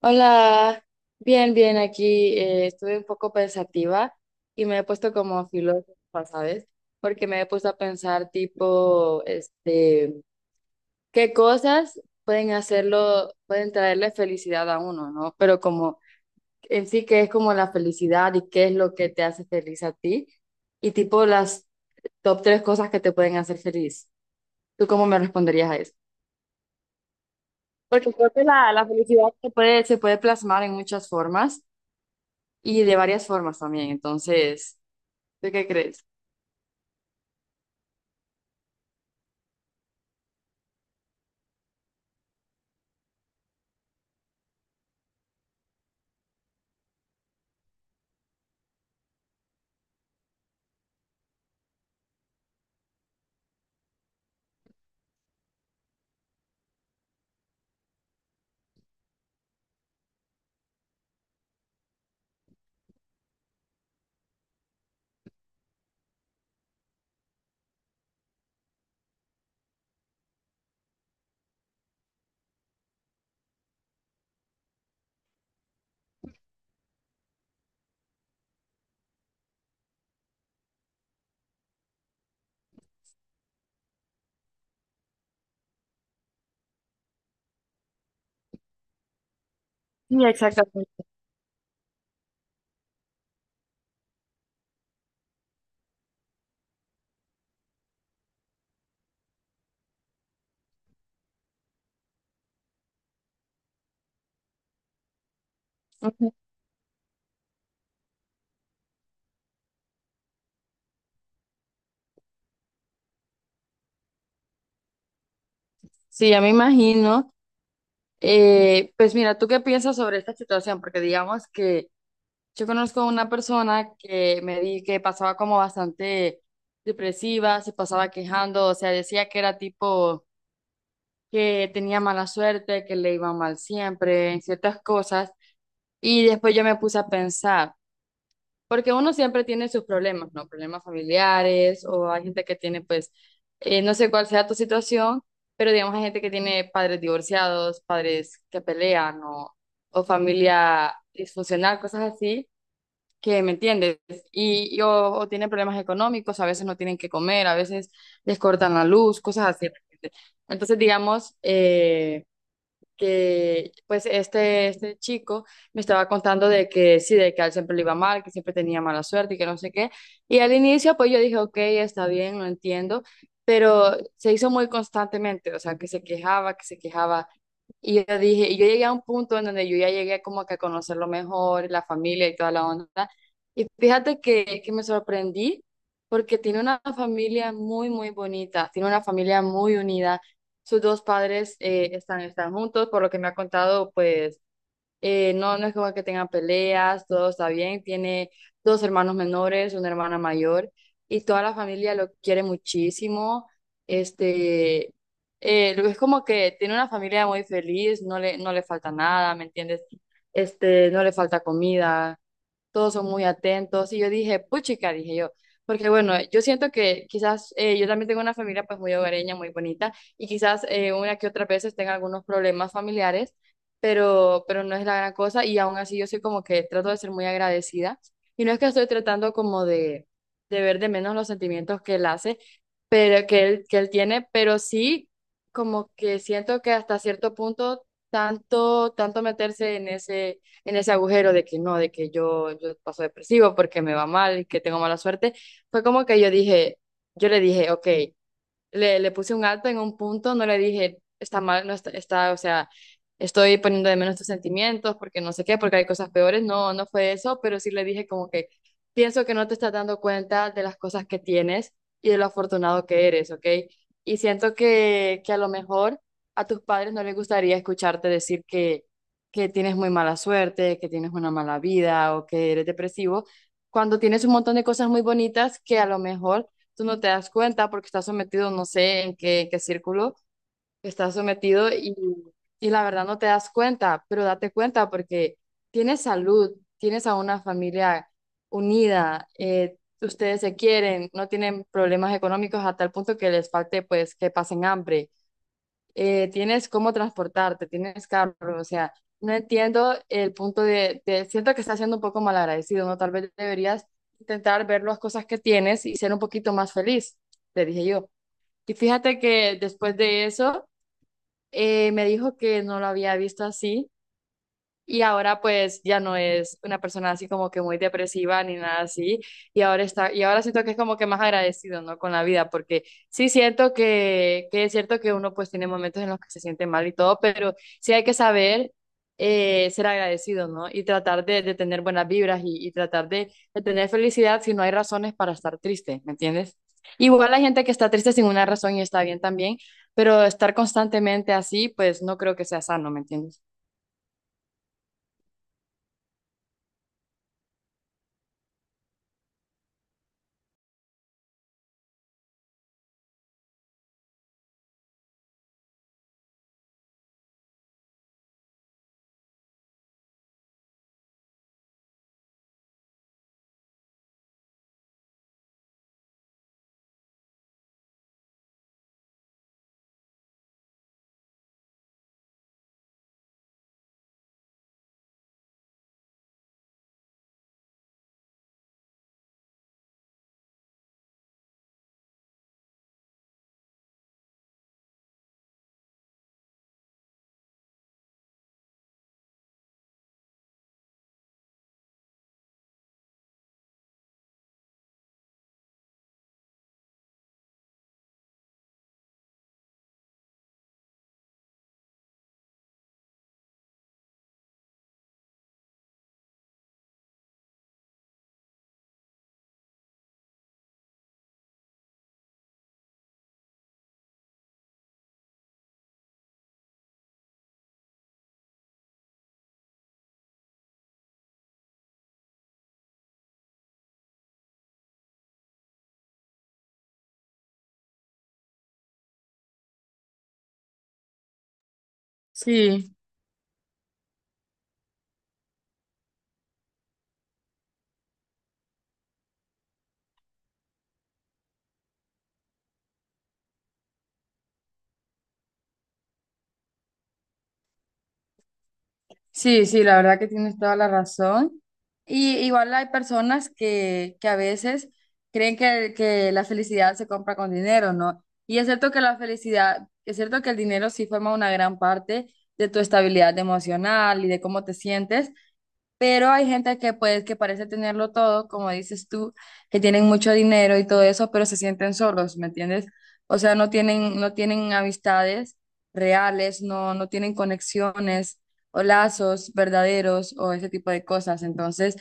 Hola, bien, bien, aquí estuve un poco pensativa y me he puesto como filósofa, ¿sabes? Porque me he puesto a pensar tipo, qué cosas pueden hacerlo, pueden traerle felicidad a uno, ¿no? Pero como en sí, qué es como la felicidad y qué es lo que te hace feliz a ti y tipo las top tres cosas que te pueden hacer feliz. ¿Tú cómo me responderías a eso? Porque creo que la felicidad se puede plasmar en muchas formas. Y de varias formas también. Entonces, ¿tú qué crees? Sí, exactamente. Ujú. Sí, ya me imagino. Pues mira, ¿tú qué piensas sobre esta situación? Porque digamos que yo conozco una persona que me di que pasaba como bastante depresiva, se pasaba quejando, o sea, decía que era tipo que tenía mala suerte, que le iba mal siempre en ciertas cosas. Y después yo me puse a pensar. Porque uno siempre tiene sus problemas, ¿no? Problemas familiares o hay gente que tiene, pues, no sé cuál sea tu situación, pero digamos hay gente que tiene padres divorciados, padres que pelean o familia disfuncional, cosas así, que me entiendes. Y o tienen problemas económicos, a veces no tienen que comer, a veces les cortan la luz, cosas así. ¿Me entiendes? Entonces, digamos, que pues este chico me estaba contando de que sí, de que a él siempre le iba mal, que siempre tenía mala suerte y que no sé qué. Y al inicio pues yo dije, ok, está bien, lo entiendo, pero se hizo muy constantemente, o sea, que se quejaba, que se quejaba. Y yo dije, y yo llegué a un punto en donde yo ya llegué como que a conocerlo mejor, la familia y toda la onda. Y fíjate que me sorprendí porque tiene una familia muy, muy bonita, tiene una familia muy unida. Sus dos padres están juntos, por lo que me ha contado, pues no, no es como que tengan peleas, todo está bien, tiene dos hermanos menores, una hermana mayor, y toda la familia lo quiere muchísimo. este, es como que tiene una familia muy feliz, no le falta nada, ¿me entiendes? No le falta comida, todos son muy atentos. Y yo dije, puchica, dije yo, porque bueno, yo siento que quizás yo también tengo una familia pues muy hogareña, muy bonita, y quizás una que otras veces tenga algunos problemas familiares, pero no es la gran cosa, y aún así yo soy como que trato de ser muy agradecida, y no es que estoy tratando como de ver de menos los sentimientos que él hace, pero que él tiene, pero sí como que siento que hasta cierto punto, tanto, tanto meterse en ese agujero de que no, de que yo paso depresivo porque me va mal y que tengo mala suerte, fue como que yo le dije, ok, le puse un alto en un punto, no le dije, está mal, no está, o sea, estoy poniendo de menos tus sentimientos porque no sé qué, porque hay cosas peores, no, no fue eso, pero sí le dije como que pienso que no te estás dando cuenta de las cosas que tienes y de lo afortunado que eres, ¿ok? Y siento que a lo mejor a tus padres no les gustaría escucharte decir que tienes muy mala suerte, que tienes una mala vida o que eres depresivo, cuando tienes un montón de cosas muy bonitas que a lo mejor tú no te das cuenta porque estás sometido, no sé en qué círculo estás sometido y la verdad no te das cuenta, pero date cuenta porque tienes salud, tienes a una familia unida, ustedes se quieren, no tienen problemas económicos a tal punto que les falte pues que pasen hambre. Tienes cómo transportarte, tienes carro, o sea, no entiendo el punto siento que estás siendo un poco malagradecido, ¿no? Tal vez deberías intentar ver las cosas que tienes y ser un poquito más feliz, le dije yo. Y fíjate que después de eso, me dijo que no lo había visto así y ahora pues ya no es una persona así como que muy depresiva ni nada así. Y ahora siento que es como que más agradecido, ¿no? Con la vida, porque sí siento que es cierto que uno pues tiene momentos en los que se siente mal y todo, pero sí hay que saber ser agradecido, ¿no? Y tratar de tener buenas vibras y tratar de tener felicidad si no hay razones para estar triste, ¿me entiendes? Igual la gente que está triste sin una razón y está bien también, pero estar constantemente así, pues no creo que sea sano, ¿me entiendes? Sí. Sí, sí, la verdad que tienes toda la razón. Y igual hay personas que a veces creen que la felicidad se compra con dinero, ¿no? Y es cierto que la felicidad, es cierto que el dinero sí forma una gran parte de tu estabilidad emocional y de cómo te sientes, pero hay gente que pues que parece tenerlo todo, como dices tú, que tienen mucho dinero y todo eso, pero se sienten solos, ¿me entiendes? O sea, no tienen, amistades reales, no, no tienen conexiones o lazos verdaderos o ese tipo de cosas. Entonces,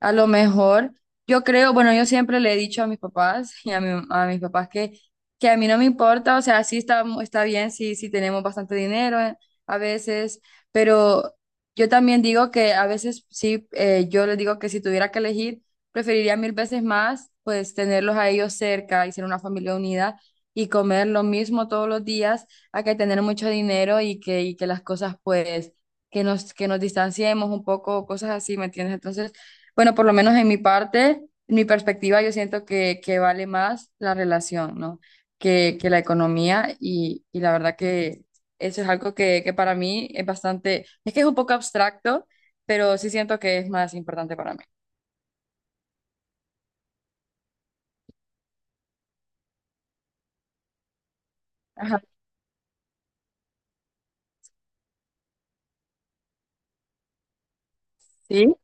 a lo mejor, yo creo, bueno, yo siempre le he dicho a mis papás y a mis papás que a mí no me importa, o sea, sí está bien sí sí tenemos bastante dinero a veces. Pero yo también digo que a veces sí, yo les digo que si tuviera que elegir, preferiría mil veces más, pues tenerlos a ellos cerca y ser una familia unida y comer lo mismo todos los días, a que tener mucho dinero y que las cosas, pues, que nos distanciemos un poco, cosas así, ¿me entiendes? Entonces, bueno, por lo menos en mi parte, en mi perspectiva, yo siento que vale más la relación, ¿no? Que la economía y la verdad que eso es algo que para mí es bastante, es que es un poco abstracto, pero sí siento que es más importante para mí. Ajá, sí,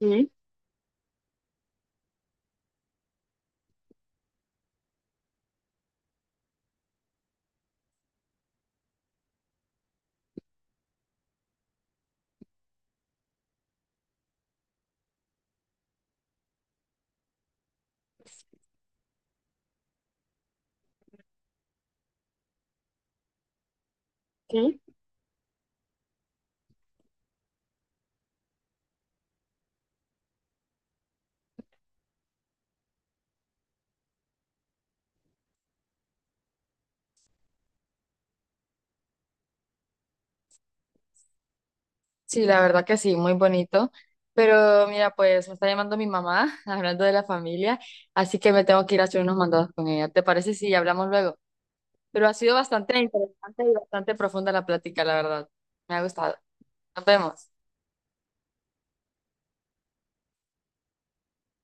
sí, sí, la verdad que sí, muy bonito. Pero mira, pues me está llamando mi mamá hablando de la familia, así que me tengo que ir a hacer unos mandados con ella. ¿Te parece si hablamos luego? Pero ha sido bastante interesante y bastante profunda la plática, la verdad. Me ha gustado. Nos vemos.